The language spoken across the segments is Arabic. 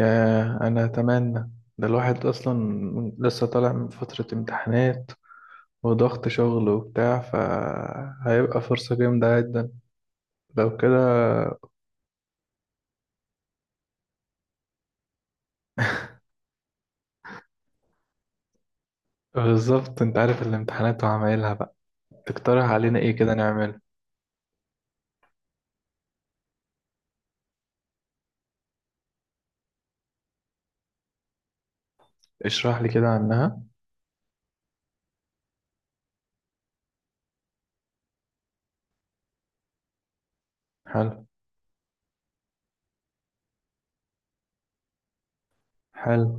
ياه، أنا أتمنى. ده الواحد أصلا لسه طالع من فترة امتحانات وضغط شغل وبتاع، فهيبقى فرصة جامدة جدا لو كده. بالظبط، أنت عارف الامتحانات وعمايلها بقى. تقترح علينا إيه كده نعمله؟ اشرح لي كده عنها. حلو. حلو.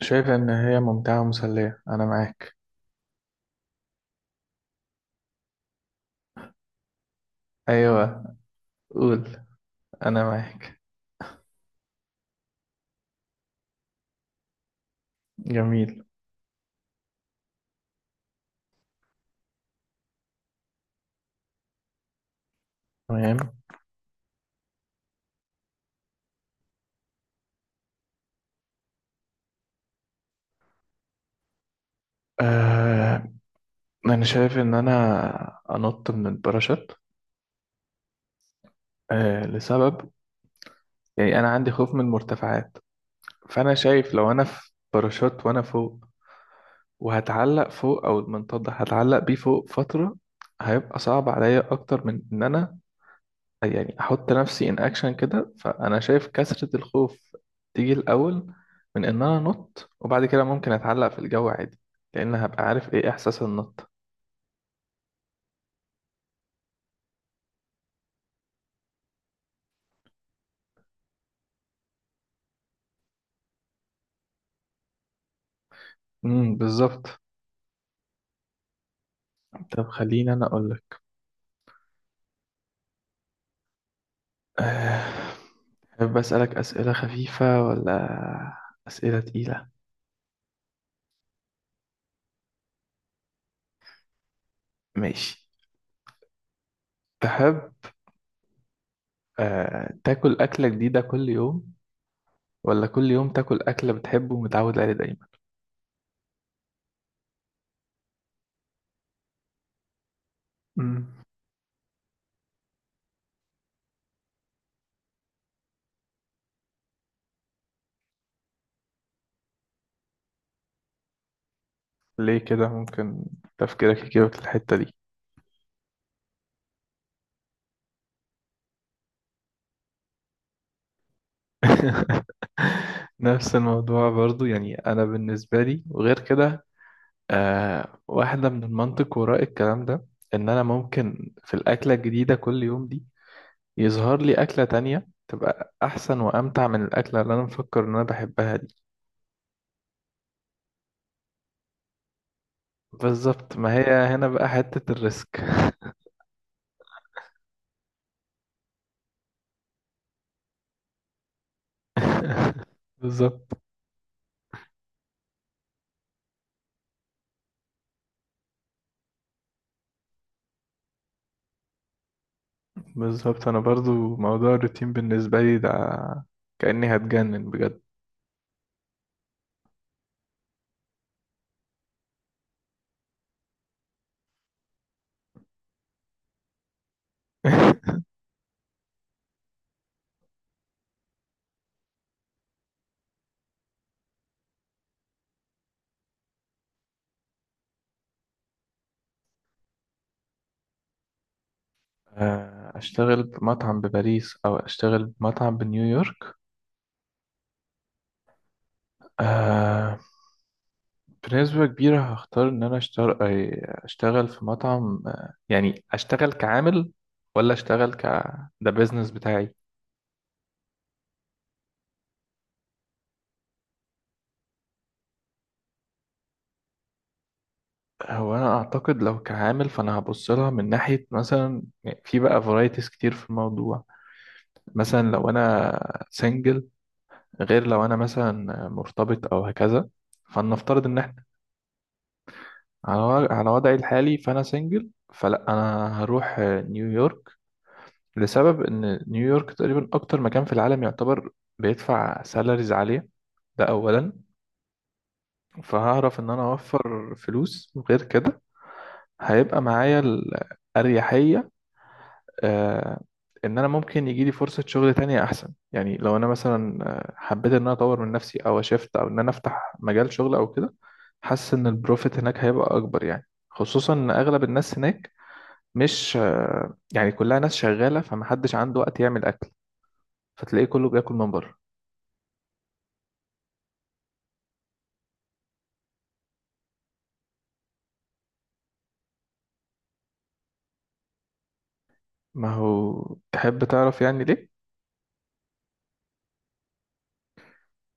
شايف إن هي ممتعة ومسلية، أنا معاك. أيوة، قول، أنا معاك. جميل. تمام. آه، أنا شايف إن أنا أنط من الباراشوت. آه، لسبب، يعني انا عندي خوف من المرتفعات. فانا شايف لو انا في باراشوت وانا فوق وهتعلق فوق او المنطاد ده هتعلق بيه فوق فترة، هيبقى صعب عليا اكتر من ان انا يعني احط نفسي ان اكشن كده. فانا شايف كثرة الخوف تيجي الاول من ان انا انط، وبعد كده ممكن اتعلق في الجو عادي، لان هبقى عارف ايه احساس النط. بالظبط. طب خليني انا اقول لك. أه... بسألك أسئلة خفيفة ولا أسئلة تقيلة؟ ماشي. تحب تاكل أكلة جديدة كل يوم، ولا كل يوم تاكل أكلة بتحبه ومتعود عليه دايما؟ مم. ليه كده ممكن تفكيرك يجيبك الحتة دي؟ نفس الموضوع برضو، يعني أنا بالنسبة لي وغير كده. واحدة من المنطق وراء الكلام ده، إن أنا ممكن في الأكلة الجديدة كل يوم دي، يظهر لي أكلة تانية تبقى أحسن وأمتع من الأكلة اللي أنا مفكر إن أنا بحبها دي. بالظبط، ما هي هنا بقى حتة الريسك. بالظبط. بالظبط، انا برضو موضوع الروتين بالنسبه لي ده كاني هتجنن بجد. اشتغل بمطعم بباريس او اشتغل بمطعم بنيويورك؟ آه، بنسبه كبيره هختار ان انا اشتغل في مطعم، يعني اشتغل كعامل، ولا اشتغل ده بيزنس بتاعي. هو انا اعتقد لو كعامل، فانا هبص لها من ناحيه، مثلا يعني في بقى فرايتيز كتير في الموضوع. مثلا لو انا سنجل، غير لو انا مثلا مرتبط او هكذا. فلنفترض ان احنا على وضعي الحالي، فانا سنجل فلا انا هروح نيويورك. لسبب ان نيويورك تقريبا اكتر مكان في العالم يعتبر بيدفع سالاريز عالية، ده اولا. فهعرف ان انا اوفر فلوس وغير كده. هيبقى معايا الاريحية، آه، ان انا ممكن يجي لي فرصه شغل تانية احسن، يعني لو انا مثلا حبيت ان انا اطور من نفسي او اشفت او ان انا افتح مجال شغل او كده. حاسس ان البروفيت هناك هيبقى اكبر، يعني خصوصا ان اغلب الناس هناك مش يعني كلها ناس شغاله، فمحدش عنده وقت يعمل اكل، فتلاقيه كله بياكل من بره. ما هو تحب تعرف يعني ليه.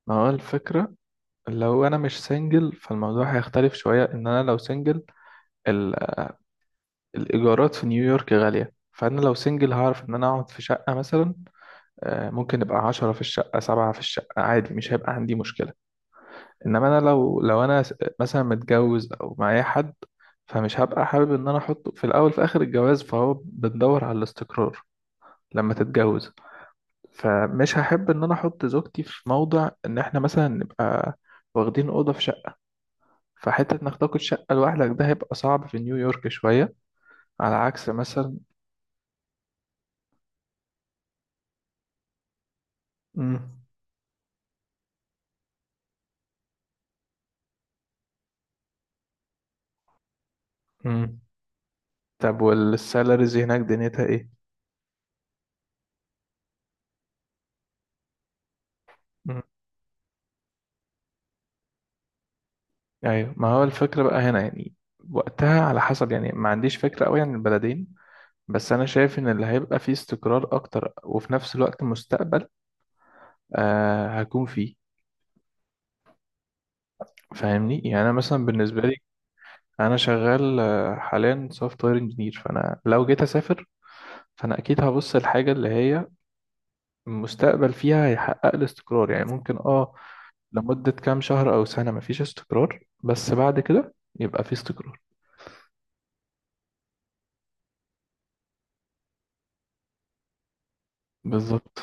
ما هو الفكره، لو انا مش سنجل فالموضوع هيختلف شويه ان انا لو سنجل. الإيجارات في نيويورك غالية، فأنا لو سنجل هعرف إن أنا أقعد في شقة مثلا. ممكن يبقى 10 في الشقة سبعة في الشقة عادي، مش هيبقى عندي مشكلة. إنما أنا لو مثلا متجوز أو معايا حد، فمش هبقى حابب إن أنا أحطه في الأول في آخر الجواز، فهو بندور على الاستقرار لما تتجوز. فمش هحب إن أنا أحط زوجتي في موضع إن إحنا مثلا نبقى واخدين أوضة في شقة. فحتة إنك تاخد شقة لوحدك ده هيبقى صعب في نيويورك شوية، على عكس مثلا. مم. مم. طب، والسالاريز هناك دنيتها ايه؟ مم. ايوه، ما هو الفكرة بقى هنا يعني. وقتها على حسب، يعني ما عنديش فكرة قوي عن البلدين. بس انا شايف ان اللي هيبقى فيه استقرار اكتر وفي نفس الوقت مستقبل هكون فيه، فاهمني؟ يعني انا مثلا بالنسبة لي، انا شغال حاليا سوفت وير انجينير، فانا لو جيت اسافر، فانا اكيد هبص الحاجة اللي هي المستقبل فيها هيحقق لي استقرار، يعني ممكن لمدة كام شهر او سنة مفيش استقرار، بس بعد كده يبقى فيه استقرار. بالظبط.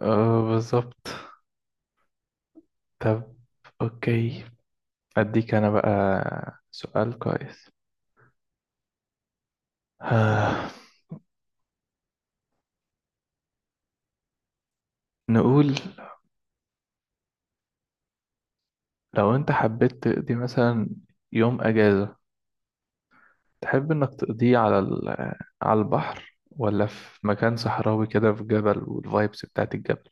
بالظبط. طب. أوكي. أديك أنا بقى سؤال كويس. آه. نقول لو أنت حبيت تقضي مثلا يوم أجازة، تحب إنك تقضيه على البحر، ولا في مكان صحراوي كده في جبل والفايبس بتاعت الجبل؟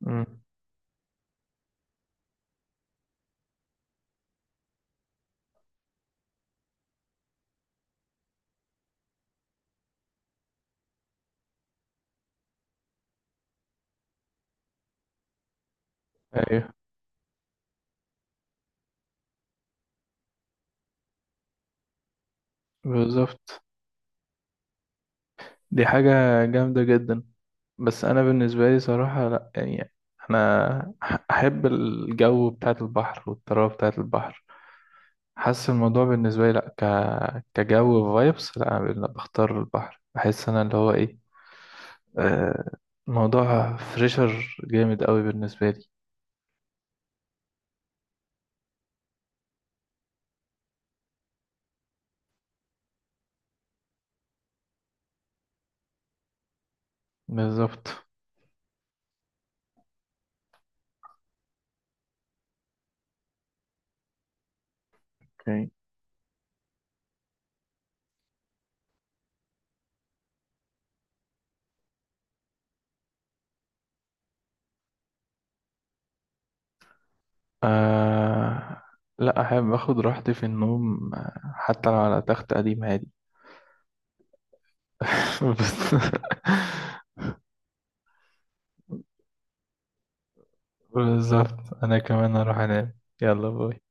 مم. أيوه بالظبط، دي حاجة جامدة جدا. بس أنا بالنسبة لي صراحة لأ يعني، أنا أحب الجو بتاعت البحر والطراوة بتاعت البحر. حاسس الموضوع بالنسبة لي لأ، كجو فايبس لأ، أنا بختار البحر، بحس أنا اللي هو إيه. آه موضوع فريشر جامد قوي بالنسبة لي. بالظبط. اوكي. آه... لأ، أحب أخد راحتي في النوم، حتى لو على تخت قديم عادي. بس- بالظبط أنا كمان أروح أنام. يلا، باي.